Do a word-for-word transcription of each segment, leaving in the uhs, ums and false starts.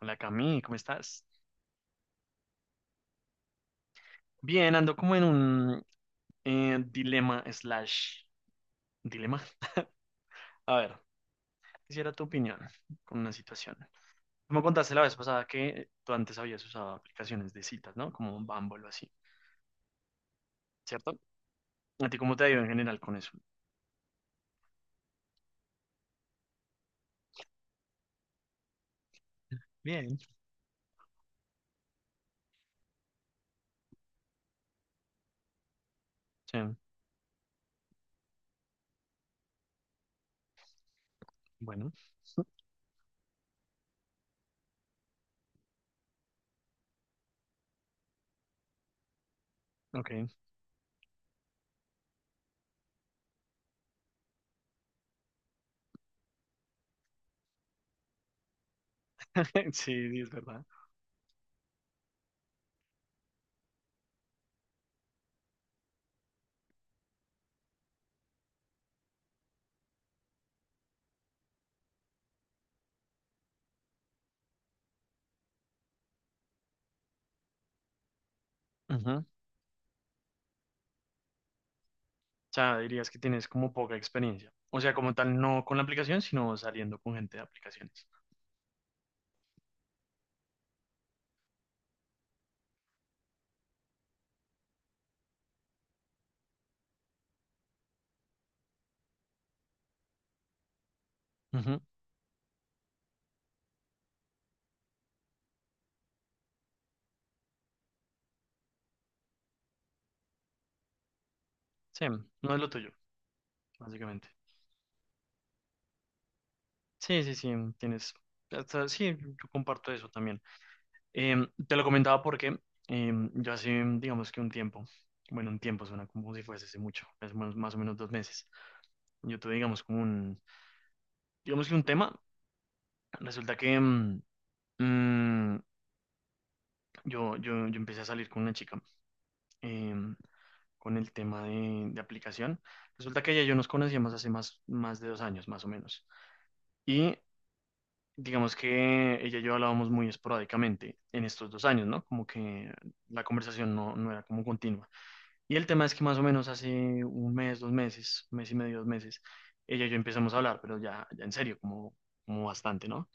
Hola Cami, ¿cómo estás? Bien, ando como en un eh, dilema slash dilema. A ver, quisiera tu opinión con una situación. Tú me contaste la vez pasada que tú antes habías usado aplicaciones de citas, ¿no? Como Bumble o así, ¿cierto? ¿A ti cómo te ha ido en general con eso? Bien. Sí, bueno, ok. Sí, es verdad. Ujú. O sea, dirías que tienes como poca experiencia. O sea, como tal, no con la aplicación, sino saliendo con gente de aplicaciones. Ujú. Sí, no es lo tuyo, básicamente. Sí, sí, sí, mm, tienes, hasta- sí, yo comparto eso también. Em, te lo comentaba porque em, yo hace, mm, digamos que un tiempo, bueno, un tiempo suena como si fuese hace mucho, es más, más o menos dos meses. Yo tuve, digamos, como un, digamos que un tema, resulta que em, mm, yo, yo, yo empecé a salir con una chica em, con el tema de, de aplicación. Resulta que ella y yo nos conocíamos hace más, más de dos años, más o menos. Y digamos que ella y yo hablábamos muy esporádicamente en estos dos años, ¿no? Como que la conversación no, no era como continua. Y el tema es que más o menos hace un mes, dos meses, mes y medio, dos meses, ella y yo empezamos a hablar, pero ya, ya en serio, como, como bastante, ¿no?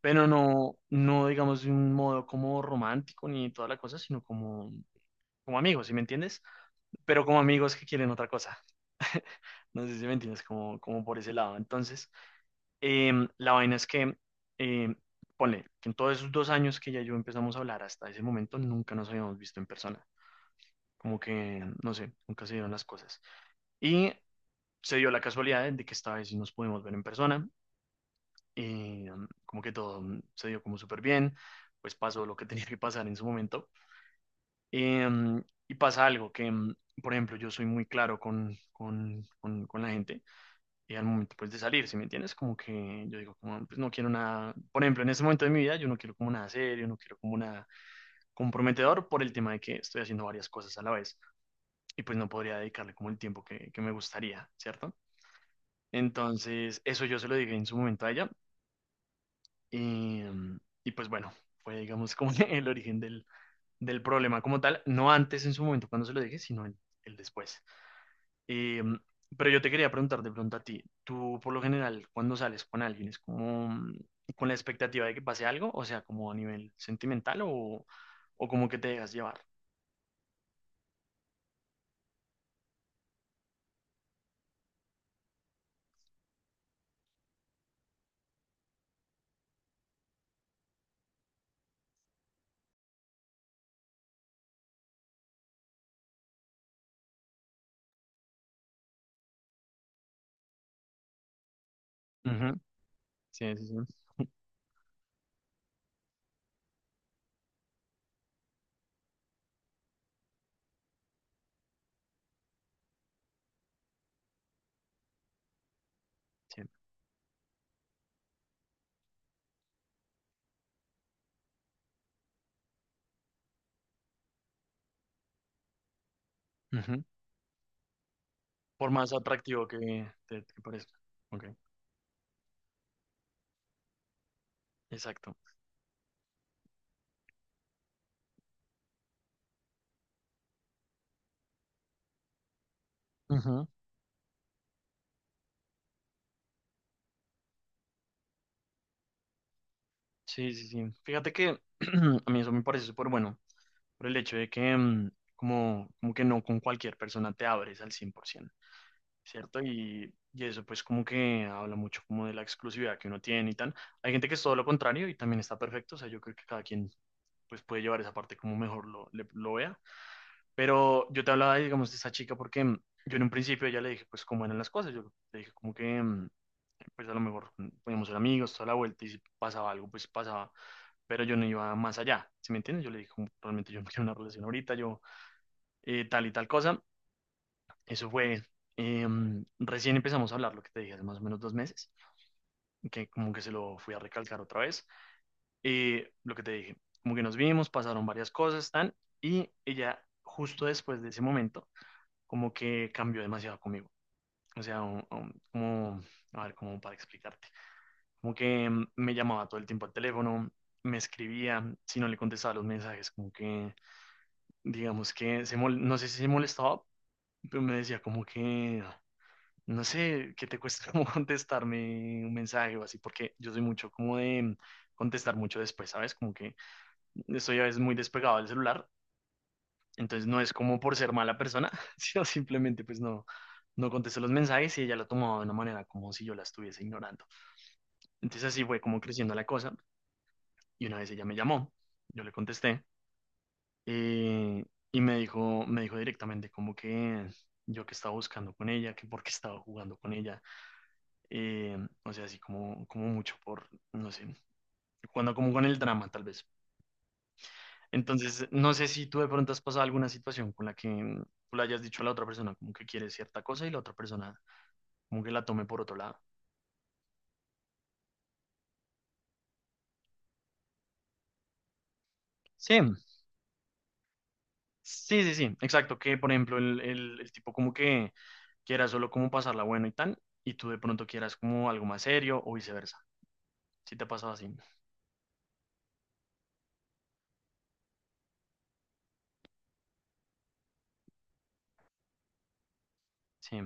Pero no, no digamos de un modo como romántico ni toda la cosa, sino como, como amigos, ¿sí me entiendes? Pero como amigos que quieren otra cosa. No sé si me entiendes, como, como por ese lado. Entonces, Em, la vaina es que, em, ponle, que en todos esos dos años que ya yo empezamos a hablar hasta ese momento, nunca nos habíamos visto en persona. Como que, no sé, nunca se dieron las cosas. Y se dio la casualidad de que esta vez sí nos pudimos ver en persona. Y em, como que todo em, se dio como súper bien. Pues pasó lo que tenía que pasar en su momento. Em, y pasa algo que, em, por ejemplo, yo soy muy claro con, con, con, con la gente. Eh, al momento pues de salir, ¿sí me entiendes? Como que yo digo, como, pues no quiero nada, por ejemplo, en este momento de mi vida yo no quiero como nada serio, no quiero como nada comprometedor por el tema de que estoy haciendo varias cosas a la vez y pues no podría dedicarle como el tiempo que, que me gustaría, ¿cierto? Entonces, eso yo se lo dije en su momento a ella y, mm, y pues bueno, fue digamos como el origen del, del problema como tal, no antes en su momento cuando se lo dije, sino el, el después. Eh, pero yo te quería preguntar de pronto a ti, tú por lo general cuando sales con alguien es como mm, con la expectativa de que pase algo, o sea, como a nivel sentimental o, o como que te dejas llevar. Ujú, sí, sí, sí. Sí. Ujú. Por más atractivo que te, te parezca. Ok, exacto. Ujú, sí, sí, sí. Fíjate que a mí eso me parece súper bueno, por el hecho de que mm, como, como que no con cualquier persona te abres al cien por ciento. ¿Cierto? Y, y eso pues como que habla mucho como de la exclusividad que uno tiene y tal. Hay gente que es todo lo contrario y también está perfecto, o sea, yo creo que cada quien pues puede llevar esa parte como mejor lo, le- lo vea. Pero yo te hablaba, digamos, de esa chica porque mm, yo en un principio ya le dije pues cómo eran las cosas, yo le dije como que mm, pues a lo mejor mm, podíamos ser amigos toda la vuelta y si pasaba algo pues pasaba, pero yo no iba más allá, ¿sí me entiendes? Yo le dije como, realmente yo no quiero una relación ahorita, yo eh, tal y tal cosa. Eso fue, em, recién empezamos a hablar, lo que te dije, hace más o menos dos meses, que como que se lo fui a recalcar otra vez. Eh, lo que te dije, como que nos vimos, pasaron varias cosas, tan, y ella justo después de ese momento, como que cambió demasiado conmigo. O sea, un- un- como, a ver, como para explicarte, como que em, me llamaba todo el tiempo al teléfono, me escribía, si no le contestaba los mensajes, como que, digamos que, se mol- no sé si se molestaba, pero me decía como que... No sé qué te cuesta como contestarme un mensaje o así, porque yo soy mucho como de contestar mucho después, ¿sabes? Como que estoy a veces muy despegado del celular, entonces no es como por ser mala persona, sino simplemente pues no, no contesto los mensajes y ella lo tomó de una manera como si yo la estuviese ignorando. Entonces así fue como creciendo la cosa y una vez ella me llamó, yo le contesté eh, y me dijo, me dijo directamente como que yo que estaba buscando con ella, que por qué estaba jugando con ella. Eh, o sea, así como, como mucho por, no sé, cuando como con el drama, tal vez. Entonces, no sé si tú de pronto has pasado alguna situación con la que mm, tú le hayas dicho a la otra persona como que quiere cierta cosa y la otra persona como que la tome por otro lado. Sí, sí, sí, sí, exacto. Que por ejemplo, el, el, el tipo como que quiera solo como pasarla bueno y tal, y tú de pronto quieras como algo más serio o viceversa. Si te ha pasado así. Sí,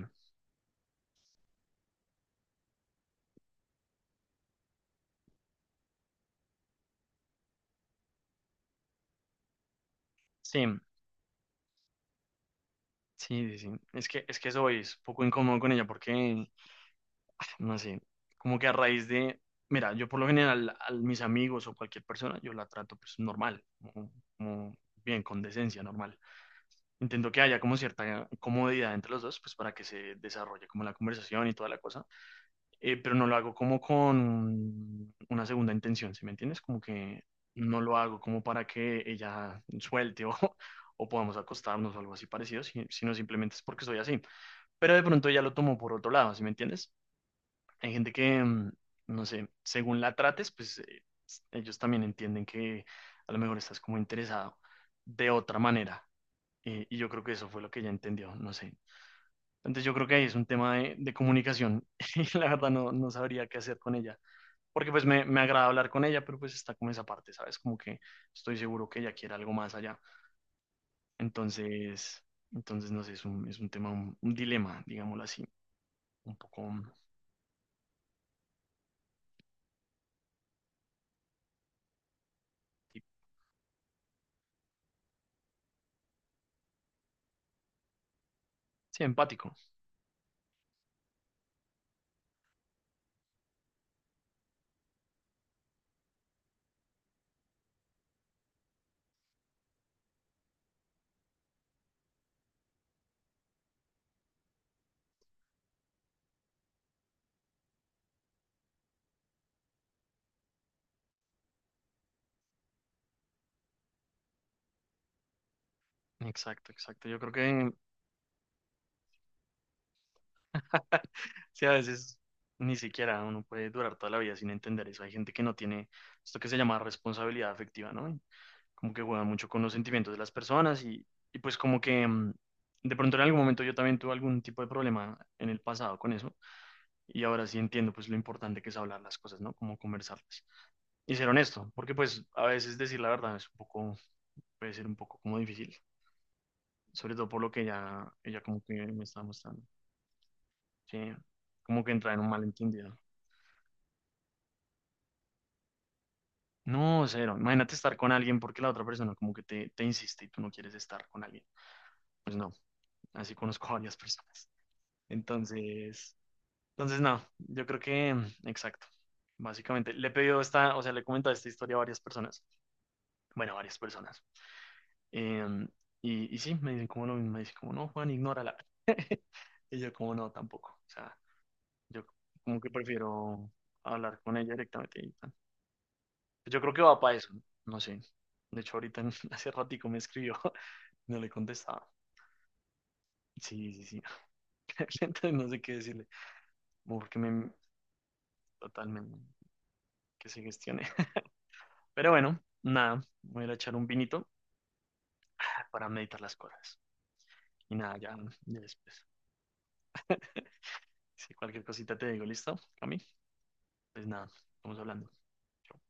sí, sí, sí, sí. Es que, es que eso es poco incómodo con ella porque no sé, como que a raíz de, mira, yo por lo general a mis amigos o cualquier persona, yo la trato pues normal, como, como bien, con decencia, normal. Intento que haya como cierta comodidad entre los dos, pues para que se desarrolle como la conversación y toda la cosa. Eh, pero no lo hago como con una segunda intención, ¿sí me entiendes? Como que no lo hago como para que ella suelte o... o podamos acostarnos o algo así parecido, si- sino simplemente es porque soy así. Pero de pronto ella lo tomó por otro lado, ¿sí me entiendes? Hay gente que, mm, no sé, según la trates, pues eh, s- ellos también entienden que a lo mejor estás como interesado de otra manera. Eh, y yo creo que eso fue lo que ella entendió, no sé. Entonces yo creo que ahí es un tema de, de comunicación y la verdad no, no sabría qué hacer con ella. Porque pues me, me agrada hablar con ella, pero pues está como esa parte, ¿sabes? Como que estoy seguro que ella quiere algo más allá. Entonces, entonces no sé, es un, es un tema, un, un dilema, digámoslo así, un poco, mm, sí, empático. Exacto, exacto. Yo creo que sí, a veces ni siquiera uno puede durar toda la vida sin entender eso. Hay gente que no tiene esto que se llama responsabilidad afectiva, ¿no? Y como que juega mucho con los sentimientos de las personas y, y pues como que mm, de pronto en algún momento yo también tuve algún tipo de problema en el pasado con eso y ahora sí entiendo pues lo importante que es hablar las cosas, ¿no? Como conversarlas y ser honesto, porque pues a veces decir la verdad es un poco, puede ser un poco como difícil, sobre todo por lo que ella, ella como que me estaba mostrando, sí, como que entra en un malentendido. No, cero. Imagínate estar con alguien porque la otra persona como que te, te insiste y tú no quieres estar con alguien. Pues no, así conozco a varias personas. Entonces, entonces no, yo creo que, mm, exacto. Básicamente, le he pedido esta, o sea, le he comentado esta historia a varias personas. Bueno, a varias personas. Em, y, y sí, me dicen como lo mismo, me dicen como, no, Juan, ignórala. Y yo como, no, tampoco. O sea, yo como que prefiero hablar con ella directamente y tal. Yo creo que va para eso, no. No sé. De hecho, ahorita hace ratico me escribió. No le contestaba. Sí, sí, sí. Entonces no sé qué decirle. Como porque me... Totalmente. Que se gestione. Pero bueno, nada. Voy a ir a echar un vinito para meditar las cosas. Y nada, ya, ya después. Si cualquier cosita te digo, ¿listo? A mí. Pues nada, estamos hablando. Chao.